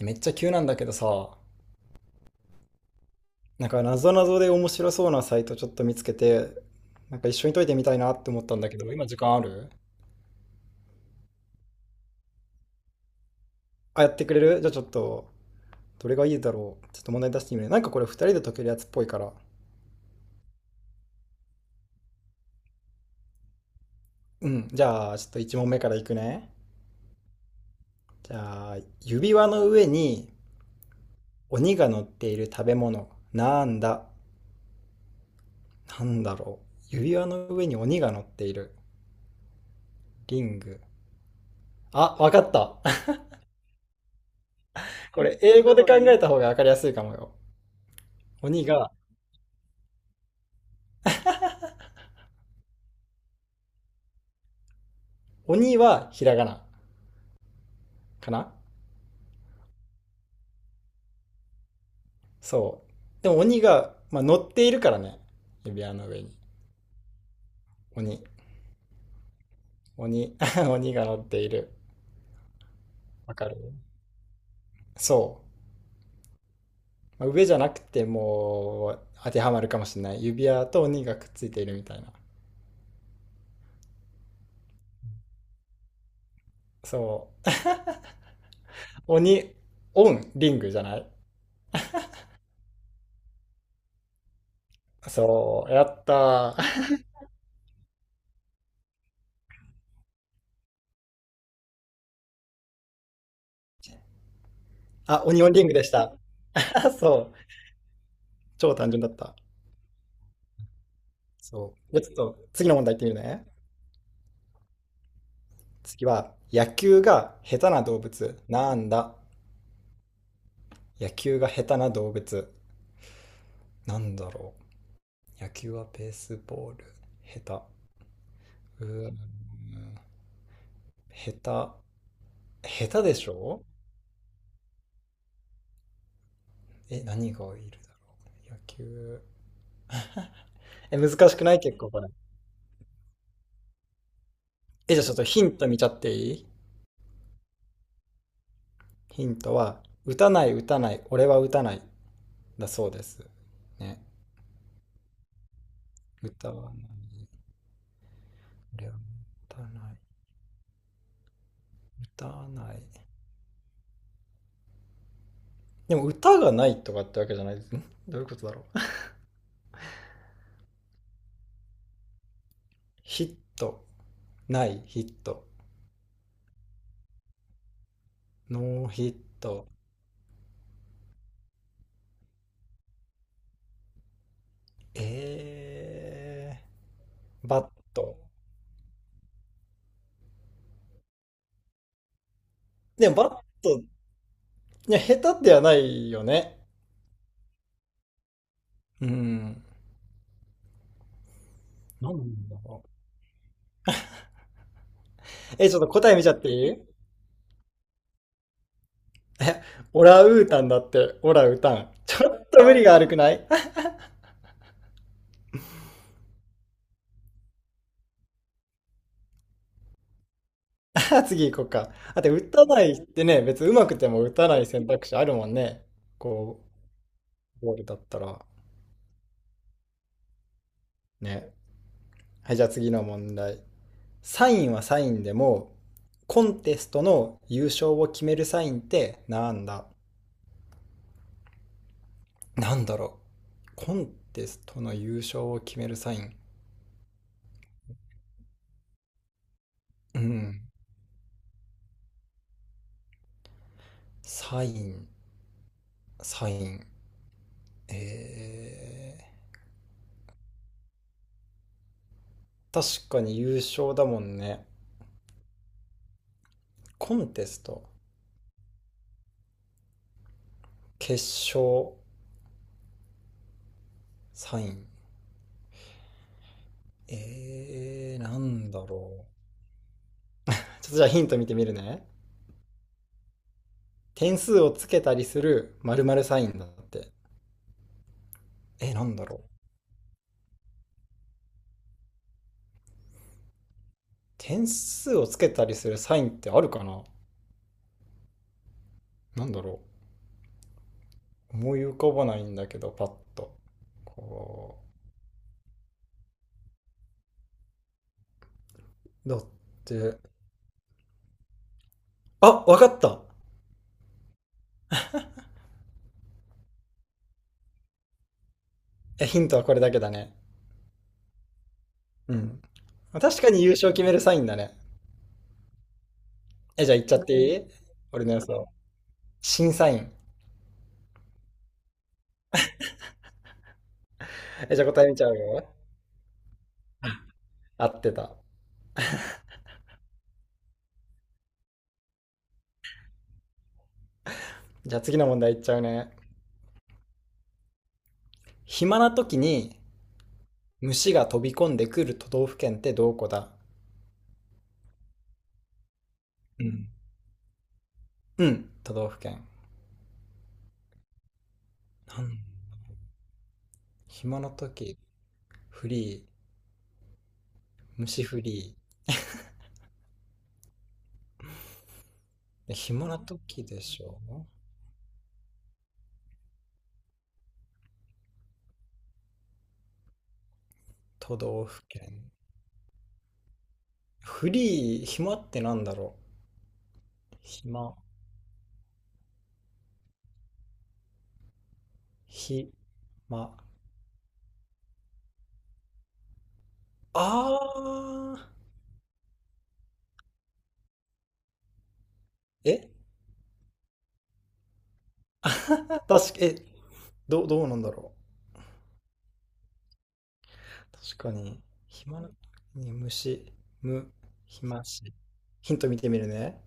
めっちゃ急なんだけどさ、なんかなぞなぞで面白そうなサイトちょっと見つけて、なんか一緒に解いてみたいなって思ったんだけど、今時間ある？あ、やってくれる？じゃあちょっと、どれがいいだろう。ちょっと問題出してみるね。なんかこれ2人で解けるやつっぽいから。うん。じゃあ、ちょっと1問目からいくね。じゃあ、指輪の上に鬼が乗っている食べ物。なんだなんだろう。指輪の上に鬼が乗っている。リング。あ、わかった。これ英語で考えた方がわかりやすいかもよ。鬼が鬼はひらがなかな。そう。でも鬼が、まあ、乗っているからね。指輪の上に。鬼。鬼。鬼が乗っている。わかる？そう。まあ上じゃなくてもう当てはまるかもしれない。指輪と鬼がくっついているみたいな。そう。鬼、オン、リングじゃない？そう。やったー。あ、鬼オンリングでした。そう。超単純だった。そう。じゃあちょっと次の問題いってみるね。次は、野球が下手な動物なんだ？野球が下手な動物。なんだろう。野球はベースボール。下手。下手。下手でしょ？え、何がいるだろう。野球。え、難しくない？結構これ。え、じゃあちょっとヒント見ちゃっていい？ヒントは、打たない、打たない、俺は打たない。だそうです。ね。歌わない。俺は歌わない。歌わない。でも歌がないとかってわけじゃないですね。どういうことだろう。ヒット、ない、ヒット。ノーヒット。えバット。でもバット、いや、下手ではないよね。うん。なんだろう。え、ちょっと答え見ちゃっていい？え、オランウータンだって、オラウタン。ちょっと無理が悪くない？ 次行こうか。あと、打たないってね、別に上手くても打たない選択肢あるもんね。こう、ボールだったら。ね。はい、じゃあ次の問題。サインはサインでも、コンテストの優勝を決めるサインってなんだ？なんだろう。コンテストの優勝を決めるサイン。うん。サイン、サイン。え確かに優勝だもんね。コンテスト、決勝、サイン。なんだろう。ちょっとじゃあヒント見てみるね。点数をつけたりする〇〇サインだって。え、なんだろう。点数をつけたりするサインってあるかな？なんだろう、思い浮かばないんだけど、パッと。こう。だって、あ、わかった。え、ヒントはこれだけだね。うん。確かに優勝決めるサインだね。え、じゃあ言っちゃっていい？俺の予想。審査員。え、じゃあ答え見ちゃうよ。合ってた。じゃあ次の問題いっちゃうね。暇な時に虫が飛び込んでくる都道府県ってどこだ？うん。うん、都道府県。なん暇な時、フリ虫フリー。で暇な時でしょう？都道府県。フリー、暇ってなんだろう？暇、ひ、ま、あー、え、あはは。 確か、どうなんだろう。確かに、暇な時に虫、む、暇し。ヒント見てみるね。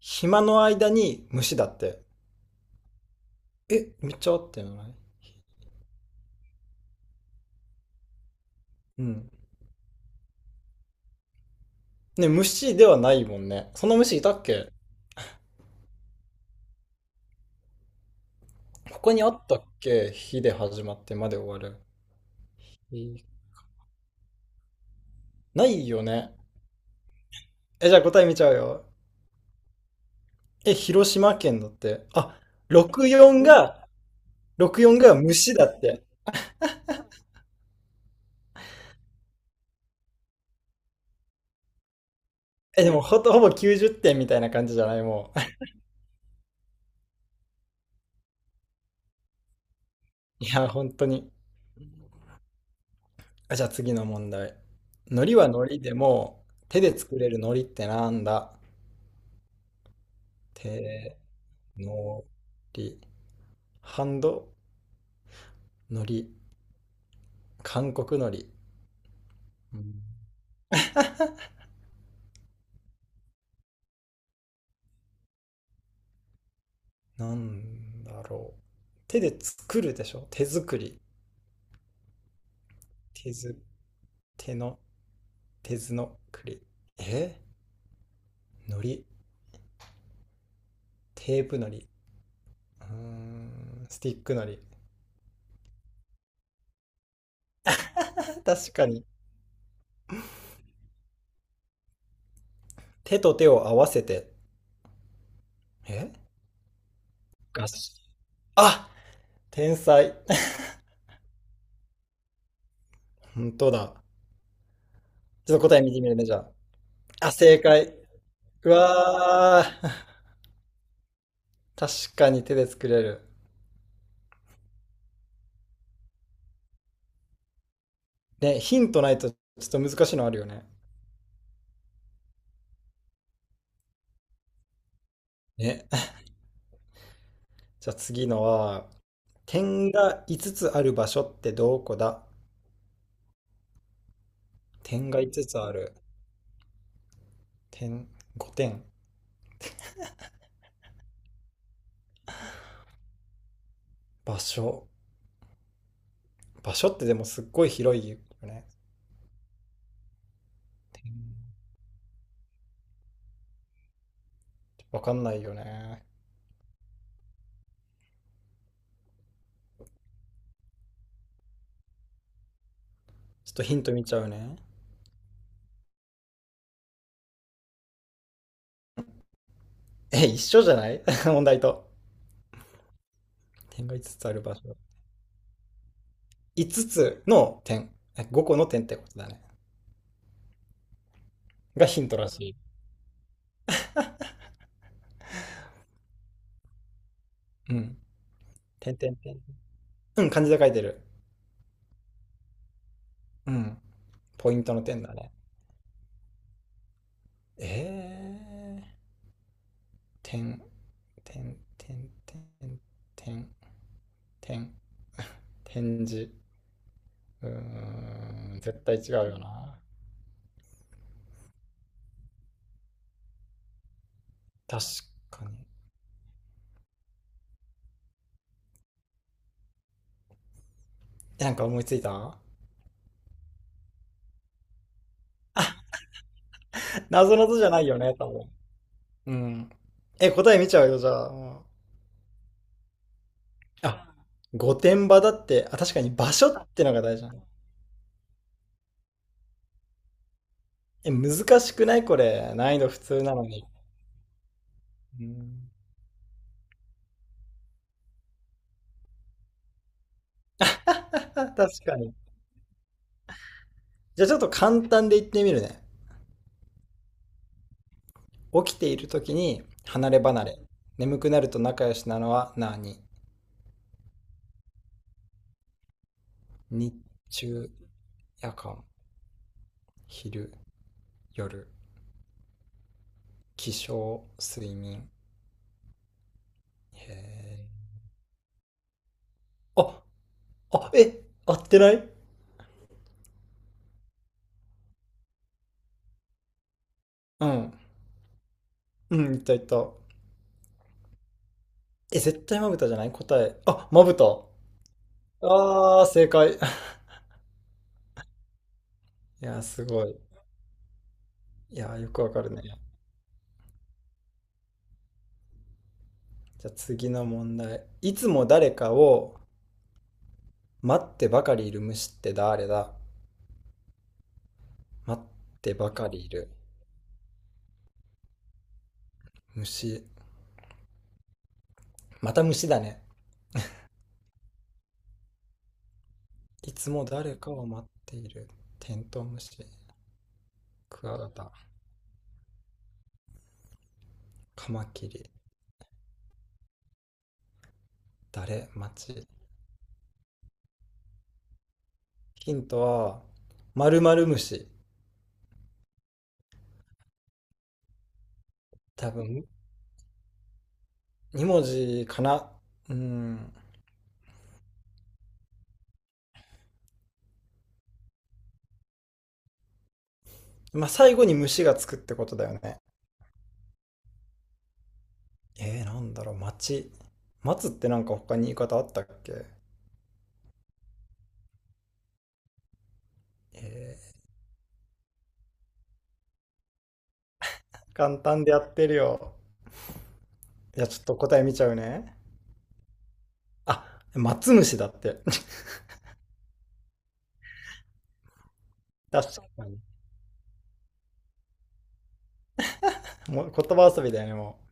暇の間に虫だって。え、めっちゃ合ってない？うん。ね、虫ではないもんね。そんな虫いたっけ？ここにあったっけ、火で始まってまで終わる。えーないよね。え、じゃあ答え見ちゃうよ。え、広島県だって。あ、64が、64が虫だって。え、でもほぼ90点みたいな感じじゃない？もう。いや、本当に。あ、じゃあ次の問題。海苔は海苔でも、手で作れる海苔ってなんだ？手、のり。ハンド、海苔。韓国海苔。うん、なんだろう。手で作るでしょ、手作り。手ず、手の、手ずのくり、え海苔。テープ海苔。スティック海苔。確かに。手と手を合わせて。えガシ。あ、天才。本当だ。ちょっと答え見てみるね、じゃあ。あ、正解。うわー。確かに手で作れる。ね、ヒントないとちょっと難しいのあるよね。ね。じゃあ次のは、点が5つつある場所ってどこだ？点が5つつある。点、5点。場所。場所ってでもすっごい広いよね。点、わかんないよね。ちょっとヒント見ちゃうね。え、一緒じゃない？ 問題と。点が5つつある場所。5つつの点。5個の点ってことだね。がヒントらしい。うん。点点点。うん、漢字で書いてる。うん。ポイントの点だね。えー、点。てんてんてんてんてん、展示。絶対違うよな。確かに。なんか思いついた？謎々 じゃないよね、多分。うん。答え見ちゃうよ、じゃあ。うん。あ、御殿場だって。あ、確かに場所ってのが大事なの？難しくない？これ難易度普通なのに。うん。 確かに。じゃあちょっと簡単で言ってみるね。起きている時に離れ離れ、眠くなると仲良しなのは何？日中、夜間、昼、夜、起床、睡眠。へえ。あ、あ、え、合ってない？うん。うん、いったいった。え、絶対まぶたじゃない？答え。あ、まぶた。あー、正解。いやー、すごい。いやー、よくわかるね。じゃあ次の問題。いつも誰かを待ってばかりいる虫って誰だ？待ってばかりいる虫。また虫だね。いつも誰かを待っている。テントウムシ。クワガタ、カマキリ、誰、町。ヒントは、〇〇虫。多分、2文字かな。うん。まあ、最後に虫がつくってことだよね。なんだろう、町。マツってなんか他に言い方あったっけ？え簡単でやってるよ。じゃあちょっと答え見ちゃうね。あ、松虫だって。確かに。もう言葉遊びだよね、もう。